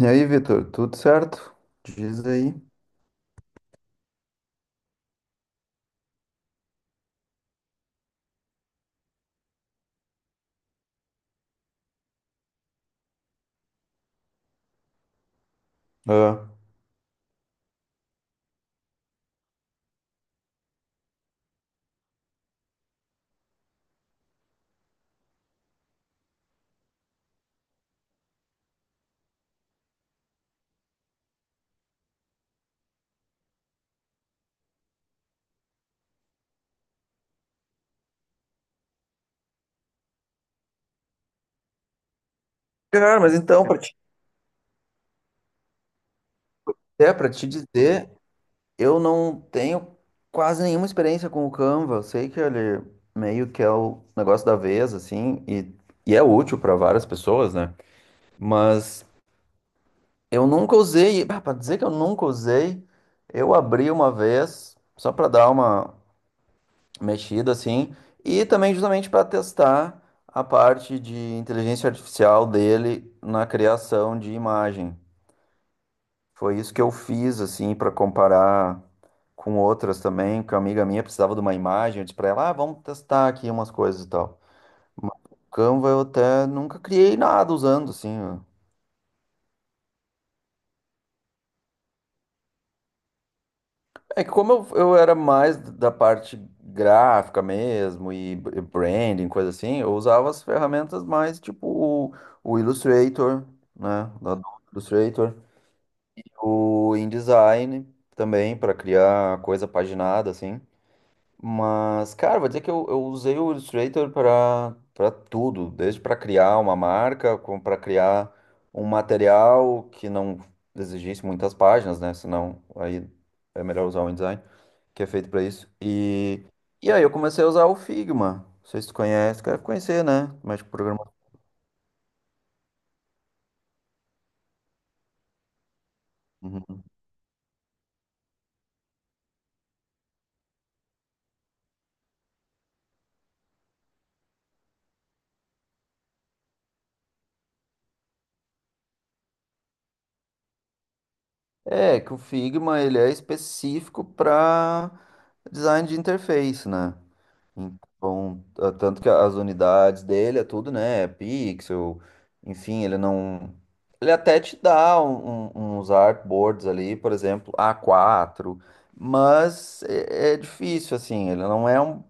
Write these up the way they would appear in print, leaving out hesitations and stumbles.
E aí, Vitor, tudo certo? Diz aí. Ah. Cara, mas então, para te dizer, eu não tenho quase nenhuma experiência com o Canva. Eu sei que ele meio que é o negócio da vez, assim, e é útil para várias pessoas, né? Mas eu nunca usei, para dizer que eu nunca usei, eu abri uma vez, só para dar uma, mexida assim, e também justamente para testar a parte de inteligência artificial dele na criação de imagem. Foi isso que eu fiz assim para comparar com outras também, que uma amiga minha precisava de uma imagem, eu disse para ela, ah, vamos testar aqui umas coisas e tal. Mas o Canva eu até nunca criei nada usando assim. É que como eu era mais da parte gráfica mesmo e branding, coisa assim, eu usava as ferramentas mais tipo o Illustrator, né? Da Adobe Illustrator, o InDesign também para criar coisa paginada assim. Mas, cara, vou dizer que eu usei o Illustrator para tudo, desde para criar uma marca, como para criar um material que não exigisse muitas páginas, né? Senão aí é melhor usar o InDesign, que é feito para isso. E aí eu comecei a usar o Figma. Não sei se tu conhece, deve conhecer, né? Mas programa. Uhum. É, que o Figma ele é específico para design de interface, né? Então, ah, tanto que as unidades dele é tudo, né? É pixel, enfim, ele não. Ele até te dá uns artboards ali, por exemplo, A4, mas é difícil, assim. Ele não é um,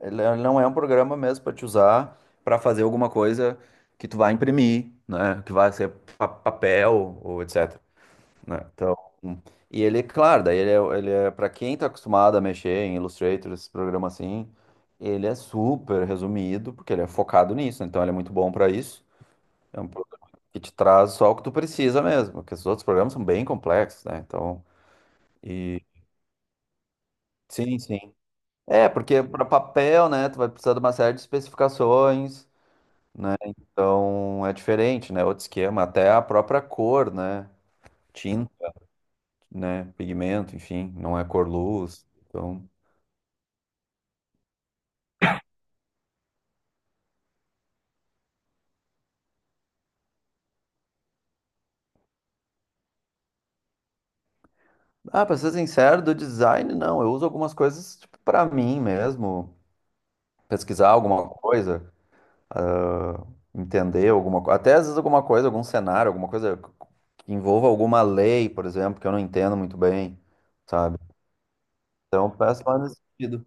não é um programa mesmo para te usar para fazer alguma coisa que tu vai imprimir, né? Que vai ser papel ou etc, né? Então, e ele, claro, daí ele é para quem tá acostumado a mexer em Illustrator, esses programas assim, ele é super resumido, porque ele é focado nisso, né? Então ele é muito bom para isso. É um programa que te traz só o que tu precisa mesmo, porque os outros programas são bem complexos, né? Então, e sim, sim. É, porque para papel, né, tu vai precisar de uma série de especificações. Então, é diferente, né? Outro esquema, até a própria cor, né? Tinta, né? Pigmento, enfim, não é cor luz. Então, ah, pra ser sincero, do design, não. Eu uso algumas coisas, tipo, pra mim mesmo. Pesquisar alguma coisa, entender alguma coisa. Até às vezes alguma coisa, algum cenário, alguma coisa que envolva alguma lei, por exemplo, que eu não entendo muito bem, sabe? Então, peço mais nesse sentido.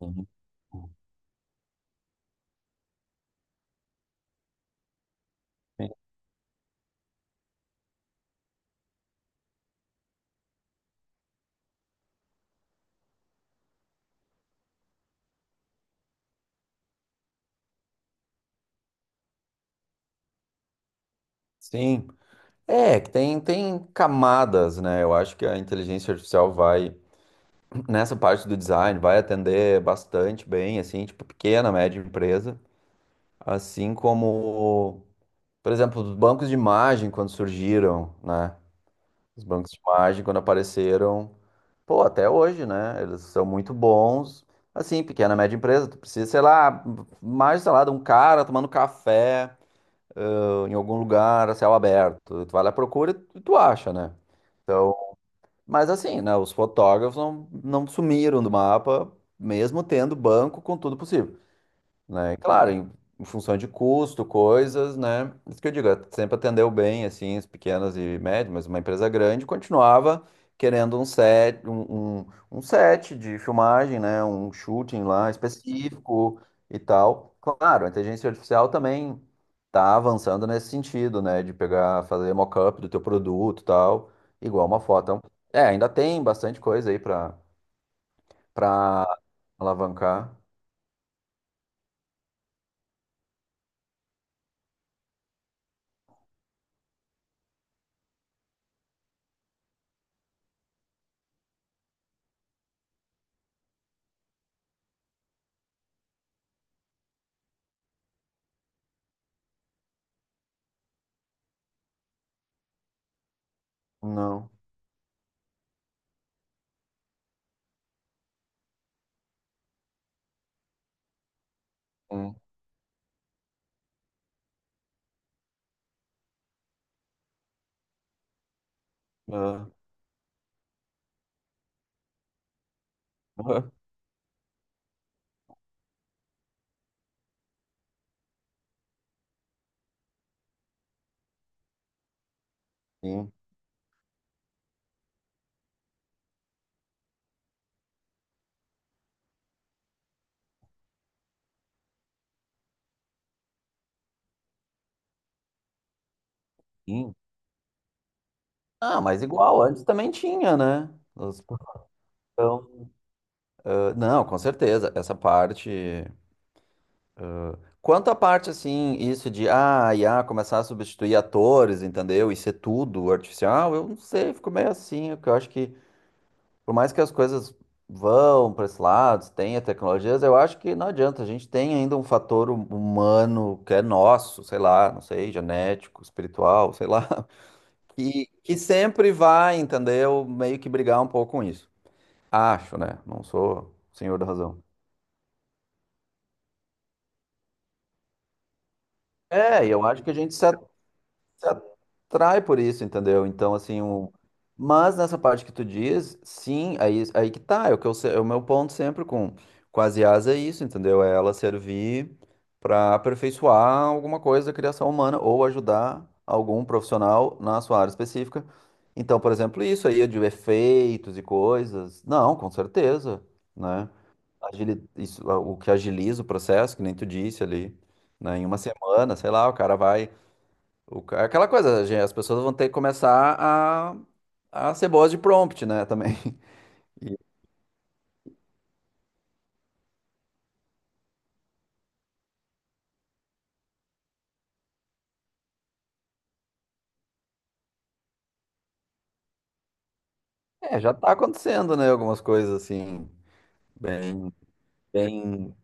Uhum. Sim. É, que tem, tem camadas, né? Eu acho que a inteligência artificial vai, nessa parte do design, vai atender bastante bem, assim, tipo, pequena, média empresa, assim como. Por exemplo, os bancos de imagem, quando surgiram, né? Os bancos de imagem, quando apareceram, pô, até hoje, né? Eles são muito bons. Assim, pequena, média empresa, tu precisa, sei lá, mais, sei lá, de um cara tomando café, em algum lugar, a céu aberto. Tu vai lá, procura e tu acha, né? Então, mas assim, né? Os fotógrafos não, não sumiram do mapa, mesmo tendo banco com tudo possível, né? E claro, em função de custo, coisas, né? Isso que eu digo, sempre atendeu bem, assim, as pequenas e médias, mas uma empresa grande continuava querendo um set, um set de filmagem, né? Um shooting lá específico e tal. Claro, a inteligência artificial também tá avançando nesse sentido, né? De pegar, fazer mock-up do teu produto e tal, igual uma foto. Então, é, ainda tem bastante coisa aí para alavancar. Não. Hum. Ah. Sim, sim. Ah, mas igual, antes também tinha, né? Os portão. Ah, não, com certeza, essa parte. Quanto à parte, assim, isso de IA começar a substituir atores, entendeu? E ser tudo artificial, eu não sei, fico meio assim, porque eu acho que, por mais que as coisas vão para esse lado, tenha tecnologias, eu acho que não adianta, a gente tem ainda um fator humano que é nosso, sei lá, não sei, genético, espiritual, sei lá. Que sempre vai, entendeu? Meio que brigar um pouco com isso. Acho, né? Não sou senhor da razão. É, e eu acho que a gente se atrai por isso, entendeu? Então, assim, o... Mas nessa parte que tu diz, sim, aí, aí que tá, é o que eu, se- é o meu ponto sempre com as IAs é isso, entendeu? É ela servir para aperfeiçoar alguma coisa da criação humana ou ajudar algum profissional na sua área específica. Então, por exemplo, isso aí de efeitos e coisas, não, com certeza, né? Isso, o que agiliza o processo, que nem tu disse ali, né? Em uma semana, sei lá, o cara vai, aquela coisa, gente, as pessoas vão ter que começar a ser boas de prompt, né, também. E, já tá acontecendo, né, algumas coisas assim, bem, bem...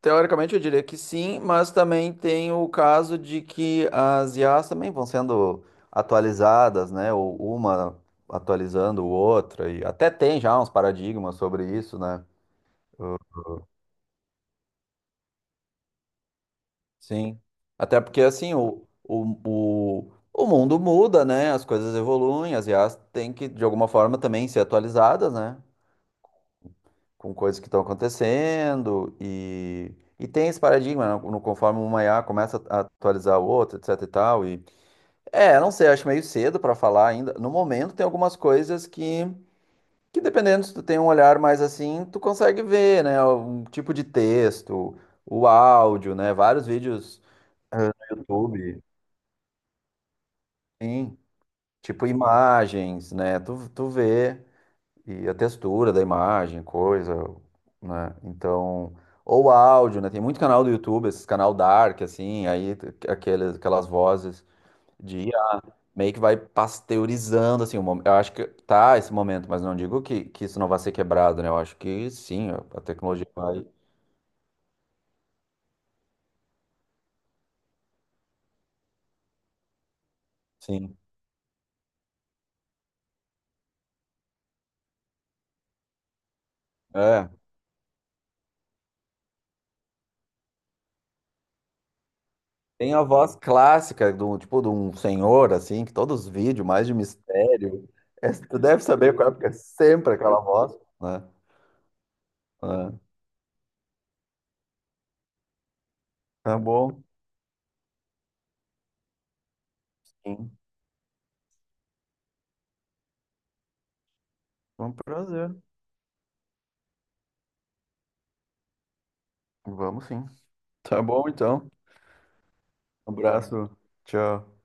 Teoricamente eu diria que sim, mas também tem o caso de que as IAs também vão sendo atualizadas, né, ou uma atualizando o outra, e até tem já uns paradigmas sobre isso, né. Sim. Até porque assim, o mundo muda, né? As coisas evoluem, as IAs têm que, de alguma forma, também ser atualizadas, né? Com coisas que estão acontecendo. E tem esse paradigma, né? No, conforme uma I a começa a atualizar a outra, etc e tal. E, não sei, acho meio cedo para falar ainda. No momento tem algumas coisas que dependendo se tu tem um olhar mais assim, tu consegue ver, né? Um tipo de texto, o áudio, né? Vários vídeos. eh, no YouTube. Sim, tipo imagens, né? Tu vê e a textura da imagem, coisa, né? Então, ou áudio, né? Tem muito canal do YouTube, esses canal dark, assim, aqueles, aquelas vozes de IA, meio que vai pasteurizando, assim, o mom- eu acho que tá esse momento, mas não digo que isso não vai ser quebrado, né? Eu acho que sim, a tecnologia vai, sim. É. Tem a voz clássica do tipo de um senhor assim, que todos os vídeos mais de mistério, é, tu deve saber qual é, porque é sempre aquela voz, né? É. Tá bom. Sim. Foi um prazer. Vamos sim. Tá bom então. Um abraço. Tchau.